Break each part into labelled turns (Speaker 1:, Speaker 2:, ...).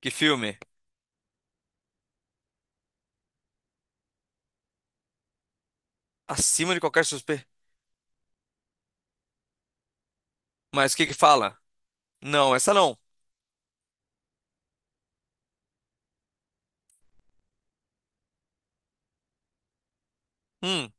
Speaker 1: Que filme? Acima de qualquer suspeita. Mas o que que fala? Não, essa não. Hum,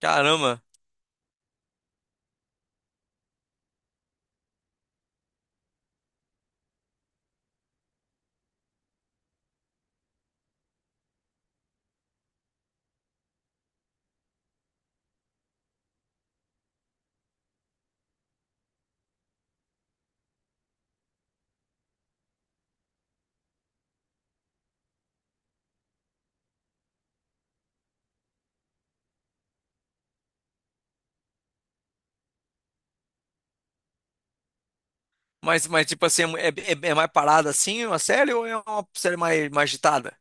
Speaker 1: caramba. Mas tipo assim, é é mais parada assim uma série ou é uma série mais agitada?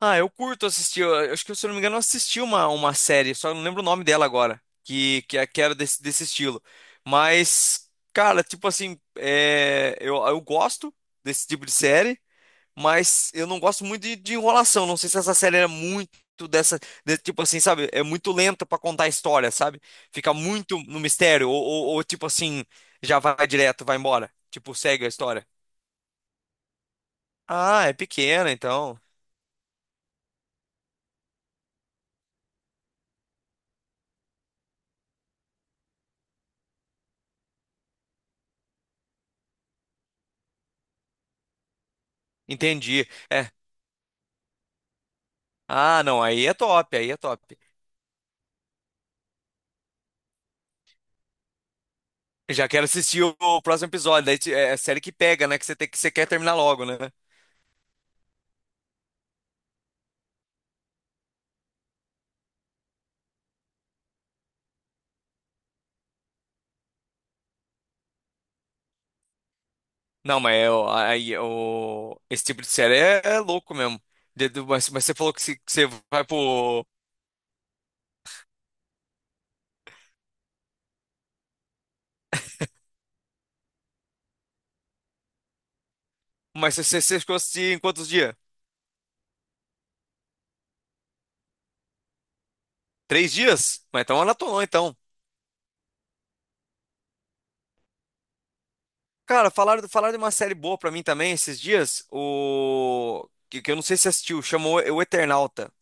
Speaker 1: Ah, eu curto assistir. Eu acho que, se eu não me engano, eu assisti uma série, só não lembro o nome dela agora, que era desse estilo. Mas, cara, tipo assim, é, eu gosto desse tipo de série. Mas eu não gosto muito de enrolação. Não sei se essa série era muito dessa. Tipo assim, sabe? É muito lenta pra contar a história, sabe? Fica muito no mistério. Ou tipo assim, já vai direto, vai embora. Tipo, segue a história. Ah, é pequena, então. Entendi. É. Ah, não. Aí é top, aí é top. Já quero assistir o próximo episódio. Daí é série que pega, né? Que você tem, que você quer terminar logo, né? Não, mas é, esse tipo de série é, é louco mesmo. Mas você falou que se- que você vai pro. Mas você, você ficou assistindo em quantos dias? Três dias? Mas então maratonou, então. Cara, falaram de uma série boa pra mim também esses dias. O... Que, que eu não sei se assistiu. Chamou O Eternauta.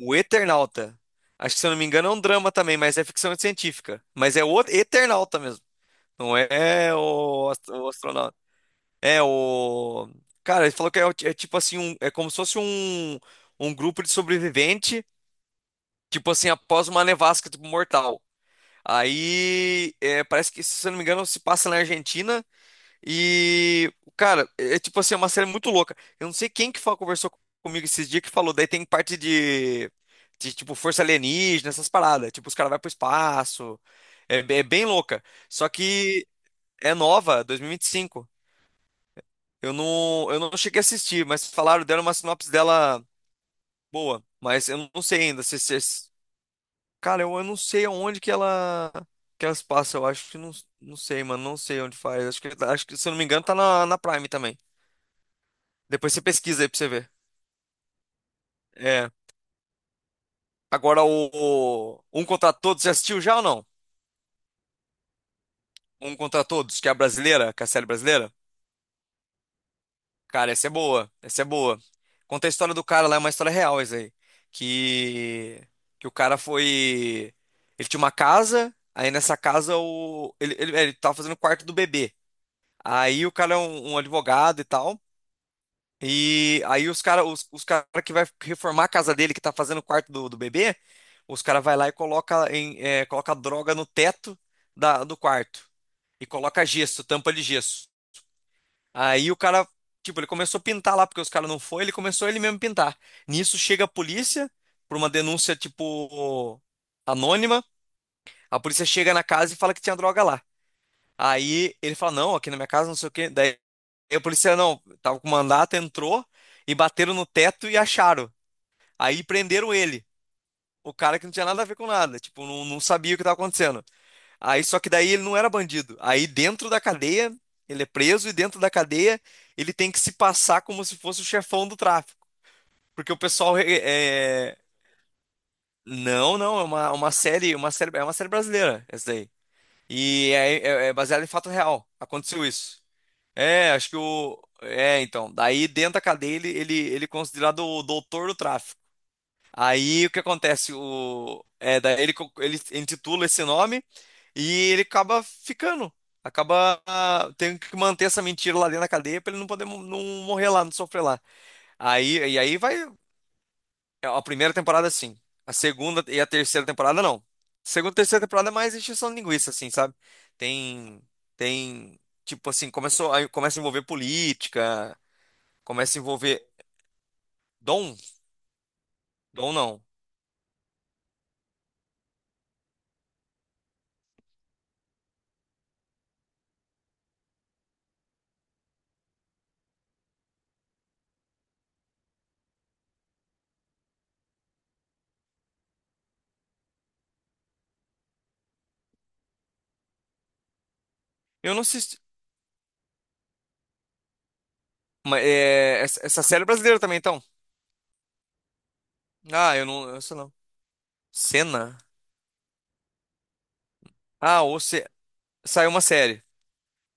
Speaker 1: O Eternauta. Acho que, se eu não me engano, é um drama também, mas é ficção científica. Mas é o Eternauta mesmo. Não é, é o, o astronauta. É o... Cara, ele falou que é, é tipo assim, um, é como se fosse um, um grupo de sobrevivente, tipo assim, após uma nevasca, tipo, mortal. Aí, é, parece que, se eu não me engano, se passa na Argentina e, cara, é é tipo assim, é uma série muito louca. Eu não sei quem que falou, conversou comigo esses dias que falou, daí tem parte de tipo, força alienígena, essas paradas. Tipo, os caras vão pro espaço. É, é bem louca. Só que é nova, 2025. Eu não cheguei a assistir, mas falaram, deram uma sinopse dela boa. Mas eu não sei ainda se, se. Cara, eu não sei aonde que ela que elas passam. Eu acho que não, não sei, mano. Não sei onde faz. Acho que, se eu não me engano, tá na Prime também. Depois você pesquisa aí pra você ver. É. Agora o Um Contra Todos, você assistiu já ou não? Um Contra Todos, que é a brasileira, que é a série brasileira? Cara, essa é boa. Essa é boa. Conta a história do cara lá, é uma história real isso aí. Que, que o cara foi. Ele tinha uma casa, aí nessa casa o, ele tava fazendo o quarto do bebê. Aí o cara é um, um advogado e tal. E aí os cara, os cara que vai reformar a casa dele, que tá fazendo o quarto do bebê, os cara vai lá e coloca em, coloca droga no teto da, do quarto e coloca gesso, tampa de gesso. Aí o cara, tipo, ele começou a pintar lá porque os cara não foi, ele começou ele mesmo a pintar. Nisso chega a polícia por uma denúncia tipo anônima. A polícia chega na casa e fala que tinha droga lá. Aí ele fala: "Não, aqui na minha casa não sei o quê". Daí a polícia não, tava com mandato, entrou e bateram no teto e acharam. Aí prenderam ele. O cara que não tinha nada a ver com nada, tipo, não, não sabia o que estava acontecendo. Aí, só que daí ele não era bandido. Aí dentro da cadeia, ele é preso e dentro da cadeia ele tem que se passar como se fosse o chefão do tráfico. Porque o pessoal é... é- Não, não, é uma, uma série, é uma série brasileira, essa daí. E é, é, é baseado em fato real. Aconteceu isso. É, acho que o. É, então. Daí dentro da cadeia ele, ele é considerado o doutor do tráfico. Aí o que acontece? O, é, daí ele, ele intitula esse nome e ele acaba ficando. Acaba ah, tendo que manter essa mentira lá dentro da cadeia pra ele não poder não morrer lá, não sofrer lá. Aí, e aí vai. É, A primeira temporada, sim. A segunda e a terceira temporada, não. Segunda e terceira temporada é mais encheção de linguiça, assim, sabe? Tem. Tem. Tipo assim, começou, aí começa a envolver política, começa a envolver. Dom? Dom não. Eu não sei. Mas é, essa série é brasileira também, então. Ah, eu não, eu sei não. Cena? Ah, ou se saiu uma série.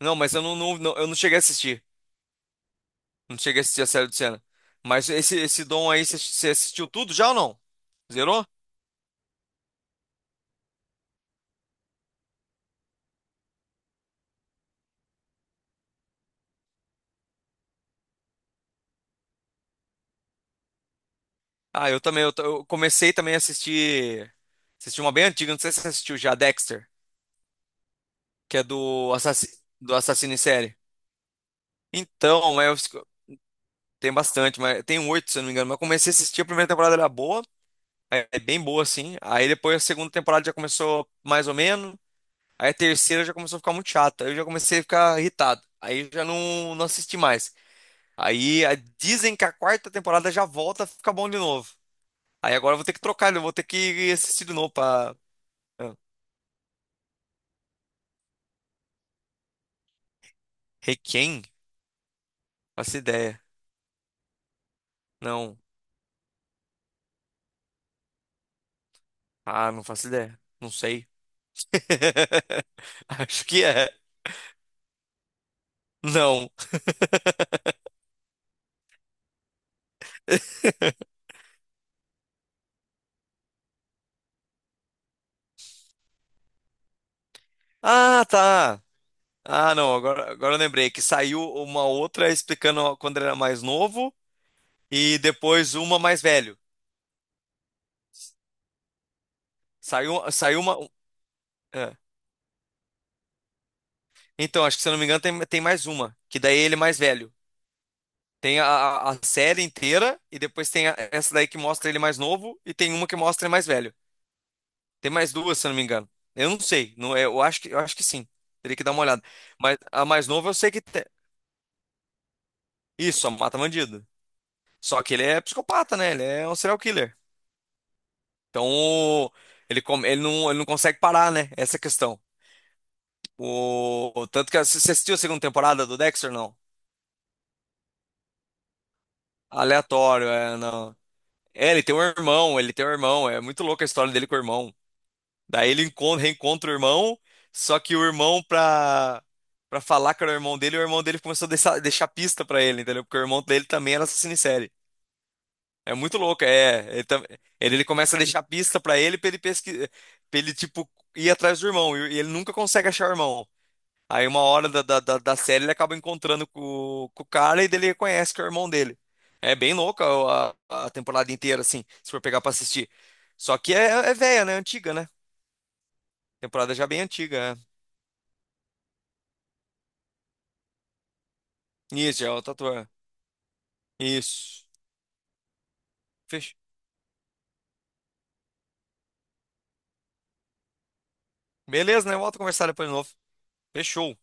Speaker 1: Não, mas eu não, eu não cheguei a assistir. Não cheguei a assistir a série do Senna. Mas esse Dom aí, você assistiu tudo já ou não? Zerou? Ah, eu também, eu comecei também a assistir assisti uma bem antiga, não sei se você assistiu já, Dexter, que é do assassino em série. Então, mas eu, tem bastante, mas tem um oito, se eu não me engano, mas eu comecei a assistir, a primeira temporada era boa. É é bem boa, assim. Aí depois a segunda temporada já começou mais ou menos. Aí a terceira já começou a ficar muito chata. Aí eu já comecei a ficar irritado. Aí já não, não assisti mais. Aí dizem que a quarta temporada já volta a ficar bom de novo. Aí agora eu vou ter que trocar, eu vou ter que assistir de novo pra. Ah, Requiem? Faço ideia. Não. Ah, não faço ideia. Não sei. Acho que é. Não. Ah, tá. Ah, não, agora eu lembrei que saiu uma outra explicando quando ele era mais novo. E depois uma mais velho. Saiu uma. É. Então, acho que se eu não me engano, tem, tem mais uma. Que daí ele é mais velho. Tem a, a série inteira, e depois tem essa daí que mostra ele mais novo, e tem uma que mostra ele mais velho. Tem mais duas, se eu não me engano. Eu não sei. Não, eu acho que sim. Teria que dar uma olhada. Mas a mais nova eu sei que tem. Isso, a Mata Bandido. Só que ele é psicopata, né? Ele é um serial killer. Então, ele, ele não consegue parar, né? Essa é a questão. O... Tanto que você assistiu a segunda temporada do Dexter, não? Aleatório, é, não. É, ele tem um irmão. É muito louca a história dele com o irmão. Daí ele encontra, reencontra o irmão, só que o irmão, pra, pra falar que era o irmão dele começou a deixar, deixar pista pra ele, entendeu? Porque o irmão dele também era assassino em série. É muito louco, é. Ele, ele começa a deixar pista pra ele pesquisar, pra ele, tipo, ir atrás do irmão. E ele nunca consegue achar o irmão. Aí uma hora da série ele acaba encontrando com o cara e dele reconhece que é o irmão dele. É bem louca a temporada inteira, assim, se for pegar pra assistir. Só que é, é velha, né? Antiga, né? Temporada já bem antiga. É. Isso, já é outro ator. Isso. Fechou. Beleza, né? Volto a conversar depois de novo. Fechou.